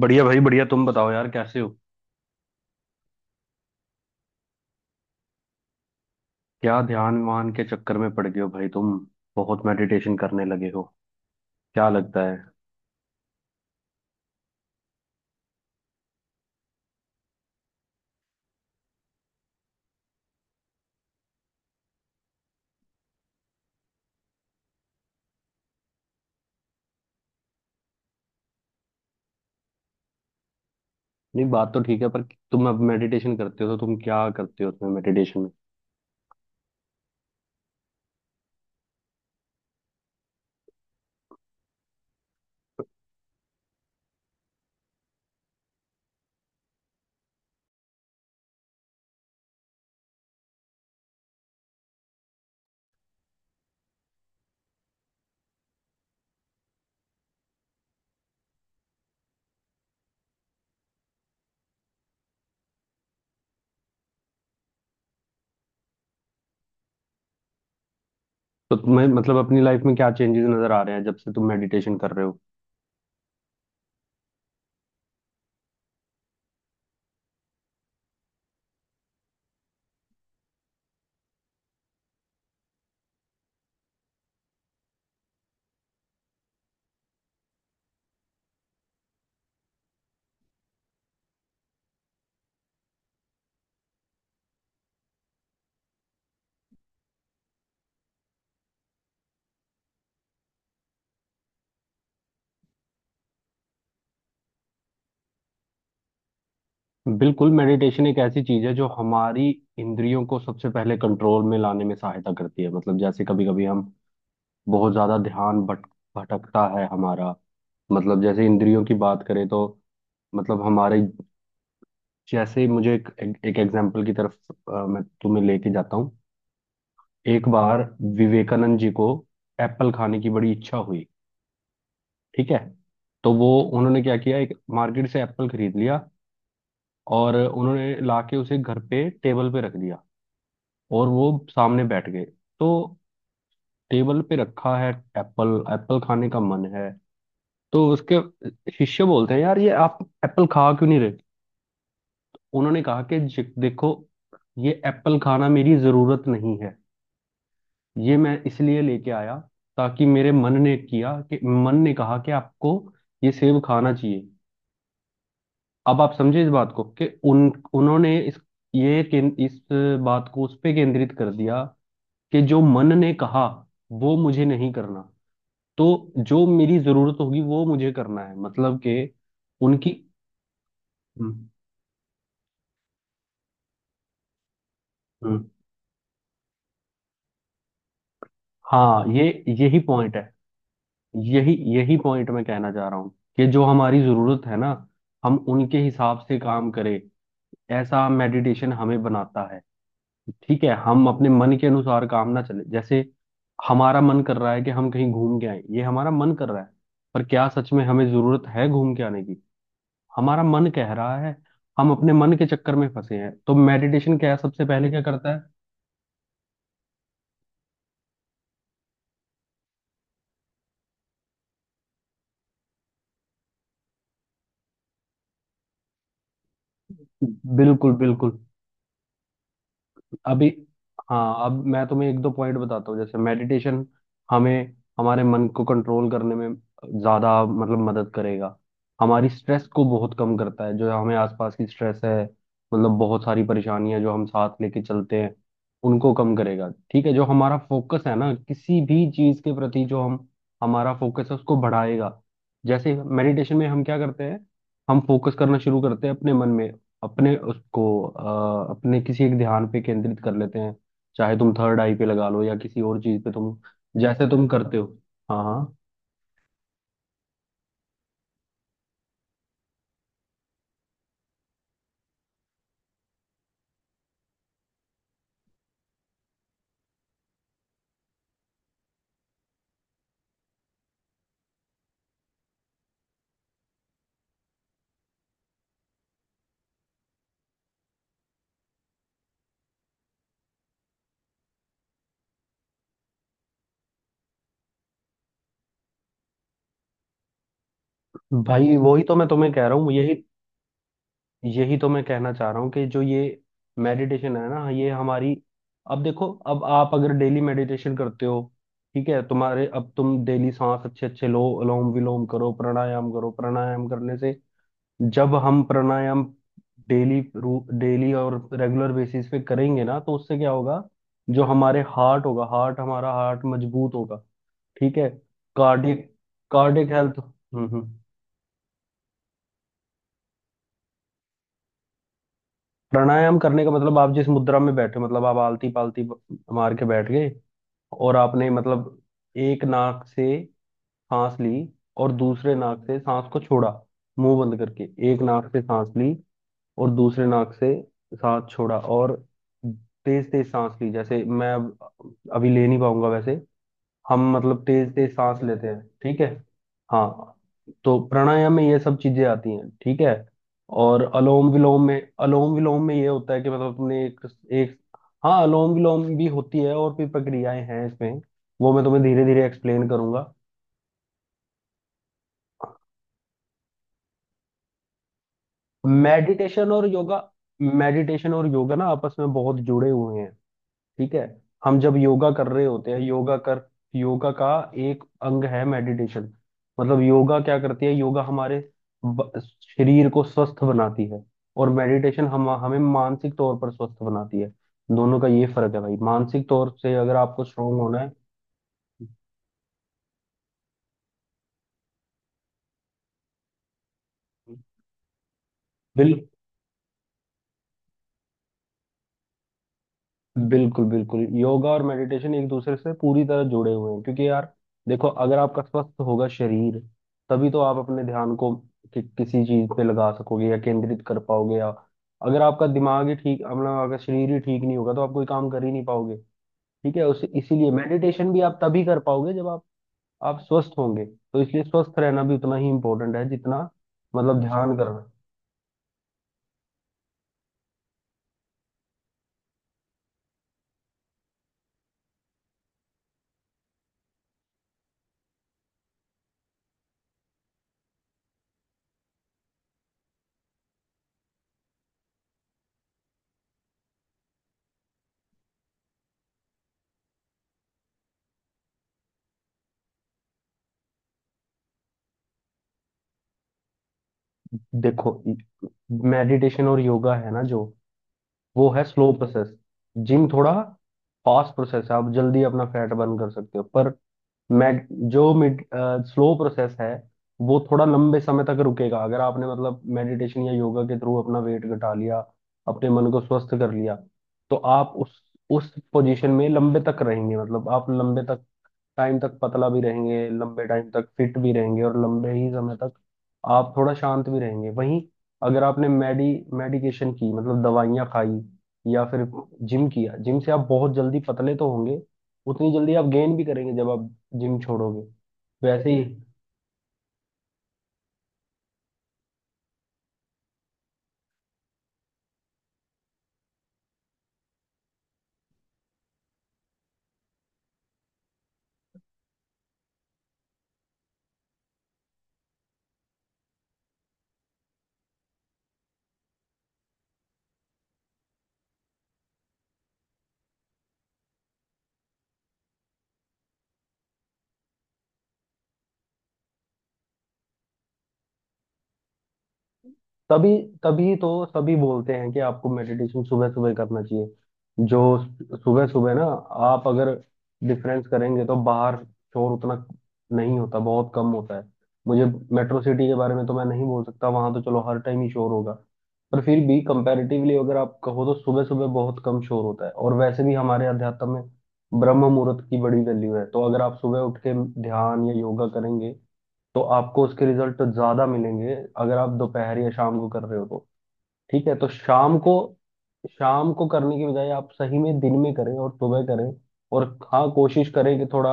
बढ़िया भाई बढ़िया। तुम बताओ यार कैसे हो। क्या ध्यान वान के चक्कर में पड़ गए हो भाई तुम। बहुत मेडिटेशन करने लगे हो क्या लगता है। नहीं बात तो ठीक है पर तुम अब मेडिटेशन करते हो तो तुम क्या करते हो उसमें मेडिटेशन में। तो तुम्हें मतलब अपनी लाइफ में क्या चेंजेस नजर आ रहे हैं जब से तुम मेडिटेशन कर रहे हो। बिल्कुल, मेडिटेशन एक ऐसी चीज है जो हमारी इंद्रियों को सबसे पहले कंट्रोल में लाने में सहायता करती है। मतलब जैसे कभी कभी हम बहुत ज्यादा ध्यान भट भटकता है हमारा। मतलब जैसे इंद्रियों की बात करें तो मतलब हमारे, जैसे ही मुझे एक एक एग्जांपल की तरफ मैं तुम्हें लेके जाता हूँ। एक बार विवेकानंद जी को एप्पल खाने की बड़ी इच्छा हुई, ठीक है। तो वो, उन्होंने क्या किया, एक मार्केट से एप्पल खरीद लिया और उन्होंने लाके उसे घर पे टेबल पे रख दिया और वो सामने बैठ गए। तो टेबल पे रखा है एप्पल, एप्पल खाने का मन है। तो उसके शिष्य बोलते हैं यार ये आप एप्पल खा क्यों नहीं रहे। उन्होंने कहा कि देखो ये एप्पल खाना मेरी जरूरत नहीं है। ये मैं इसलिए लेके आया ताकि मेरे मन ने किया कि मन ने कहा कि आपको ये सेब खाना चाहिए। अब आप समझे इस बात को कि उन उन्होंने इस इस बात को उस पे केंद्रित कर दिया कि जो मन ने कहा वो मुझे नहीं करना। तो जो मेरी जरूरत होगी वो मुझे करना है। मतलब कि उनकी। हम्म, हम्म। हाँ ये, यही पॉइंट है। यही यही पॉइंट मैं कहना चाह रहा हूँ कि जो हमारी जरूरत है ना, हम उनके हिसाब से काम करें। ऐसा मेडिटेशन हमें बनाता है। ठीक है, हम अपने मन के अनुसार काम ना चले। जैसे हमारा मन कर रहा है कि हम कहीं घूम के आए, ये हमारा मन कर रहा है। पर क्या सच में हमें जरूरत है घूम के आने की। हमारा मन कह रहा है। हम अपने मन के चक्कर में फंसे हैं। तो मेडिटेशन क्या है, सबसे पहले क्या करता है। बिल्कुल बिल्कुल। अभी, हाँ अब मैं तुम्हें एक दो पॉइंट बताता हूँ। जैसे मेडिटेशन हमें हमारे मन को कंट्रोल करने में ज्यादा मतलब मदद करेगा। हमारी स्ट्रेस को बहुत कम करता है। जो हमें आसपास की स्ट्रेस है मतलब बहुत सारी परेशानियां जो हम साथ लेके चलते हैं उनको कम करेगा। ठीक है, जो हमारा फोकस है ना किसी भी चीज के प्रति, जो हम हमारा फोकस है उसको बढ़ाएगा। जैसे मेडिटेशन में हम क्या करते हैं, हम फोकस करना शुरू करते हैं अपने मन में। अपने उसको अपने किसी एक ध्यान पे केंद्रित कर लेते हैं। चाहे तुम थर्ड आई पे लगा लो या किसी और चीज पे तुम, जैसे तुम करते हो। हाँ हाँ। भाई वही तो मैं तुम्हें कह रहा हूँ। यही यही तो मैं कहना चाह रहा हूँ कि जो ये मेडिटेशन है ना ये हमारी। अब देखो, अब आप अगर डेली मेडिटेशन करते हो, ठीक है, तुम्हारे अब तुम डेली सांस अच्छे अच्छे लो, अनुलोम विलोम करो, प्राणायाम करो। प्राणायाम करने से, जब हम प्राणायाम डेली, डेली और रेगुलर बेसिस पे करेंगे ना, तो उससे क्या होगा। जो हमारे हार्ट होगा हार्ट हमारा हार्ट मजबूत होगा, ठीक है। Cardiac, cardiac health. प्राणायाम करने का मतलब आप जिस मुद्रा में बैठे हो, मतलब आप आलती पालती मार के बैठ गए और आपने मतलब एक नाक से सांस ली और दूसरे नाक से सांस को छोड़ा, मुंह बंद करके। एक नाक से सांस ली और दूसरे नाक से सांस छोड़ा। और तेज तेज सांस ली, जैसे मैं अब अभी ले नहीं पाऊंगा वैसे। हम मतलब तेज तेज सांस लेते हैं, ठीक है। हाँ, तो प्राणायाम में ये सब चीजें आती हैं, ठीक है। और अलोम विलोम में, अलोम विलोम में ये होता है कि मतलब तुमने एक, एक, हाँ अलोम विलोम भी होती है और भी प्रक्रियाएं हैं इसमें। वो मैं तुम्हें धीरे धीरे एक्सप्लेन करूंगा। मेडिटेशन और योगा, मेडिटेशन और योगा ना आपस में बहुत जुड़े हुए हैं, ठीक है। हम जब योगा कर रहे होते हैं योगा कर योगा का एक अंग है मेडिटेशन। मतलब योगा क्या करती है, योगा हमारे शरीर को स्वस्थ बनाती है और मेडिटेशन हम हमें मानसिक तौर पर स्वस्थ बनाती है। दोनों का ये फर्क है भाई। मानसिक तौर से अगर आपको स्ट्रोंग होना है। बिल बिल्कुल बिल्कुल, योगा और मेडिटेशन एक दूसरे से पूरी तरह जुड़े हुए हैं क्योंकि यार, देखो अगर आपका स्वस्थ होगा शरीर तभी तो आप अपने ध्यान को किसी चीज पे लगा सकोगे या केंद्रित कर पाओगे। या अगर आपका दिमाग ही ठीक, मतलब अगर शरीर ही ठीक नहीं होगा तो आप कोई काम कर ही नहीं पाओगे। ठीक है, उस इसीलिए मेडिटेशन भी आप तभी कर पाओगे जब आप स्वस्थ होंगे। तो इसलिए स्वस्थ रहना भी उतना ही इम्पोर्टेंट है जितना मतलब ध्यान करना। देखो, मेडिटेशन और योगा है ना जो, वो है स्लो प्रोसेस। जिम थोड़ा फास्ट प्रोसेस है, आप जल्दी अपना फैट बर्न कर सकते हो, पर मैड जो मिड स्लो प्रोसेस है, वो थोड़ा लंबे समय तक रुकेगा। अगर आपने मतलब मेडिटेशन या योगा के थ्रू अपना वेट घटा लिया, अपने मन को स्वस्थ कर लिया, तो आप उस पोजीशन में लंबे तक रहेंगे। मतलब आप लंबे तक टाइम तक पतला भी रहेंगे, लंबे टाइम तक फिट भी रहेंगे, और लंबे ही समय तक आप थोड़ा शांत भी रहेंगे। वहीं अगर आपने मेडी मेडिकेशन की मतलब दवाइयाँ खाई या फिर जिम किया, जिम से आप बहुत जल्दी पतले तो होंगे, उतनी जल्दी आप गेन भी करेंगे जब आप जिम छोड़ोगे। वैसे ही, तभी तभी तो सभी बोलते हैं कि आपको मेडिटेशन सुबह सुबह करना चाहिए। जो सुबह सुबह ना, आप अगर डिफरेंस करेंगे तो बाहर शोर उतना नहीं होता, बहुत कम होता है। मुझे मेट्रो सिटी के बारे में तो मैं नहीं बोल सकता, वहां तो चलो हर टाइम ही शोर होगा। पर फिर भी कंपैरेटिवली अगर आप कहो तो सुबह सुबह बहुत कम शोर होता है। और वैसे भी हमारे अध्यात्म में ब्रह्म मुहूर्त की बड़ी वैल्यू है। तो अगर आप सुबह उठ के ध्यान या योगा करेंगे तो आपको उसके रिजल्ट तो ज्यादा मिलेंगे, अगर आप दोपहर या शाम को कर रहे हो तो। ठीक है, तो शाम को, शाम को करने की बजाय आप सही में दिन में करें और सुबह करें। और हाँ, कोशिश करें कि थोड़ा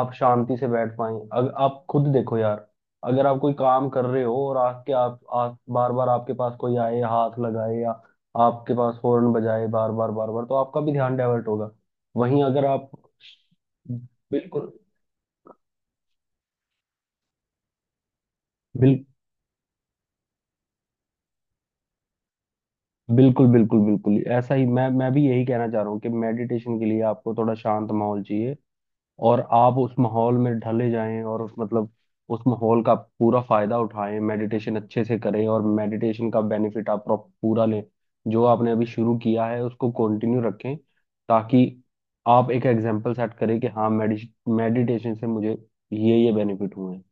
आप शांति से बैठ पाएं। अगर आप खुद देखो यार, अगर आप कोई काम कर रहे हो और आके आप बार बार आपके पास कोई आए हाथ लगाए या आपके पास हॉर्न बजाए बार बार तो आपका भी ध्यान डाइवर्ट होगा। वहीं अगर आप, बिल्कुल बिल्कुल बिल्कुल बिल्कुल ऐसा ही, मैं भी यही कहना चाह रहा हूँ कि मेडिटेशन के लिए आपको थोड़ा शांत माहौल चाहिए और आप उस माहौल में ढले जाएं और उस मतलब उस माहौल का पूरा फायदा उठाएं, मेडिटेशन अच्छे से करें और मेडिटेशन का बेनिफिट आप पूरा लें। जो आपने अभी शुरू किया है उसको कंटिन्यू रखें, ताकि आप एक एग्जाम्पल सेट करें कि हाँ, मेडिटेशन से मुझे ये बेनिफिट हुए हैं।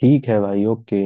ठीक है भाई, ओके।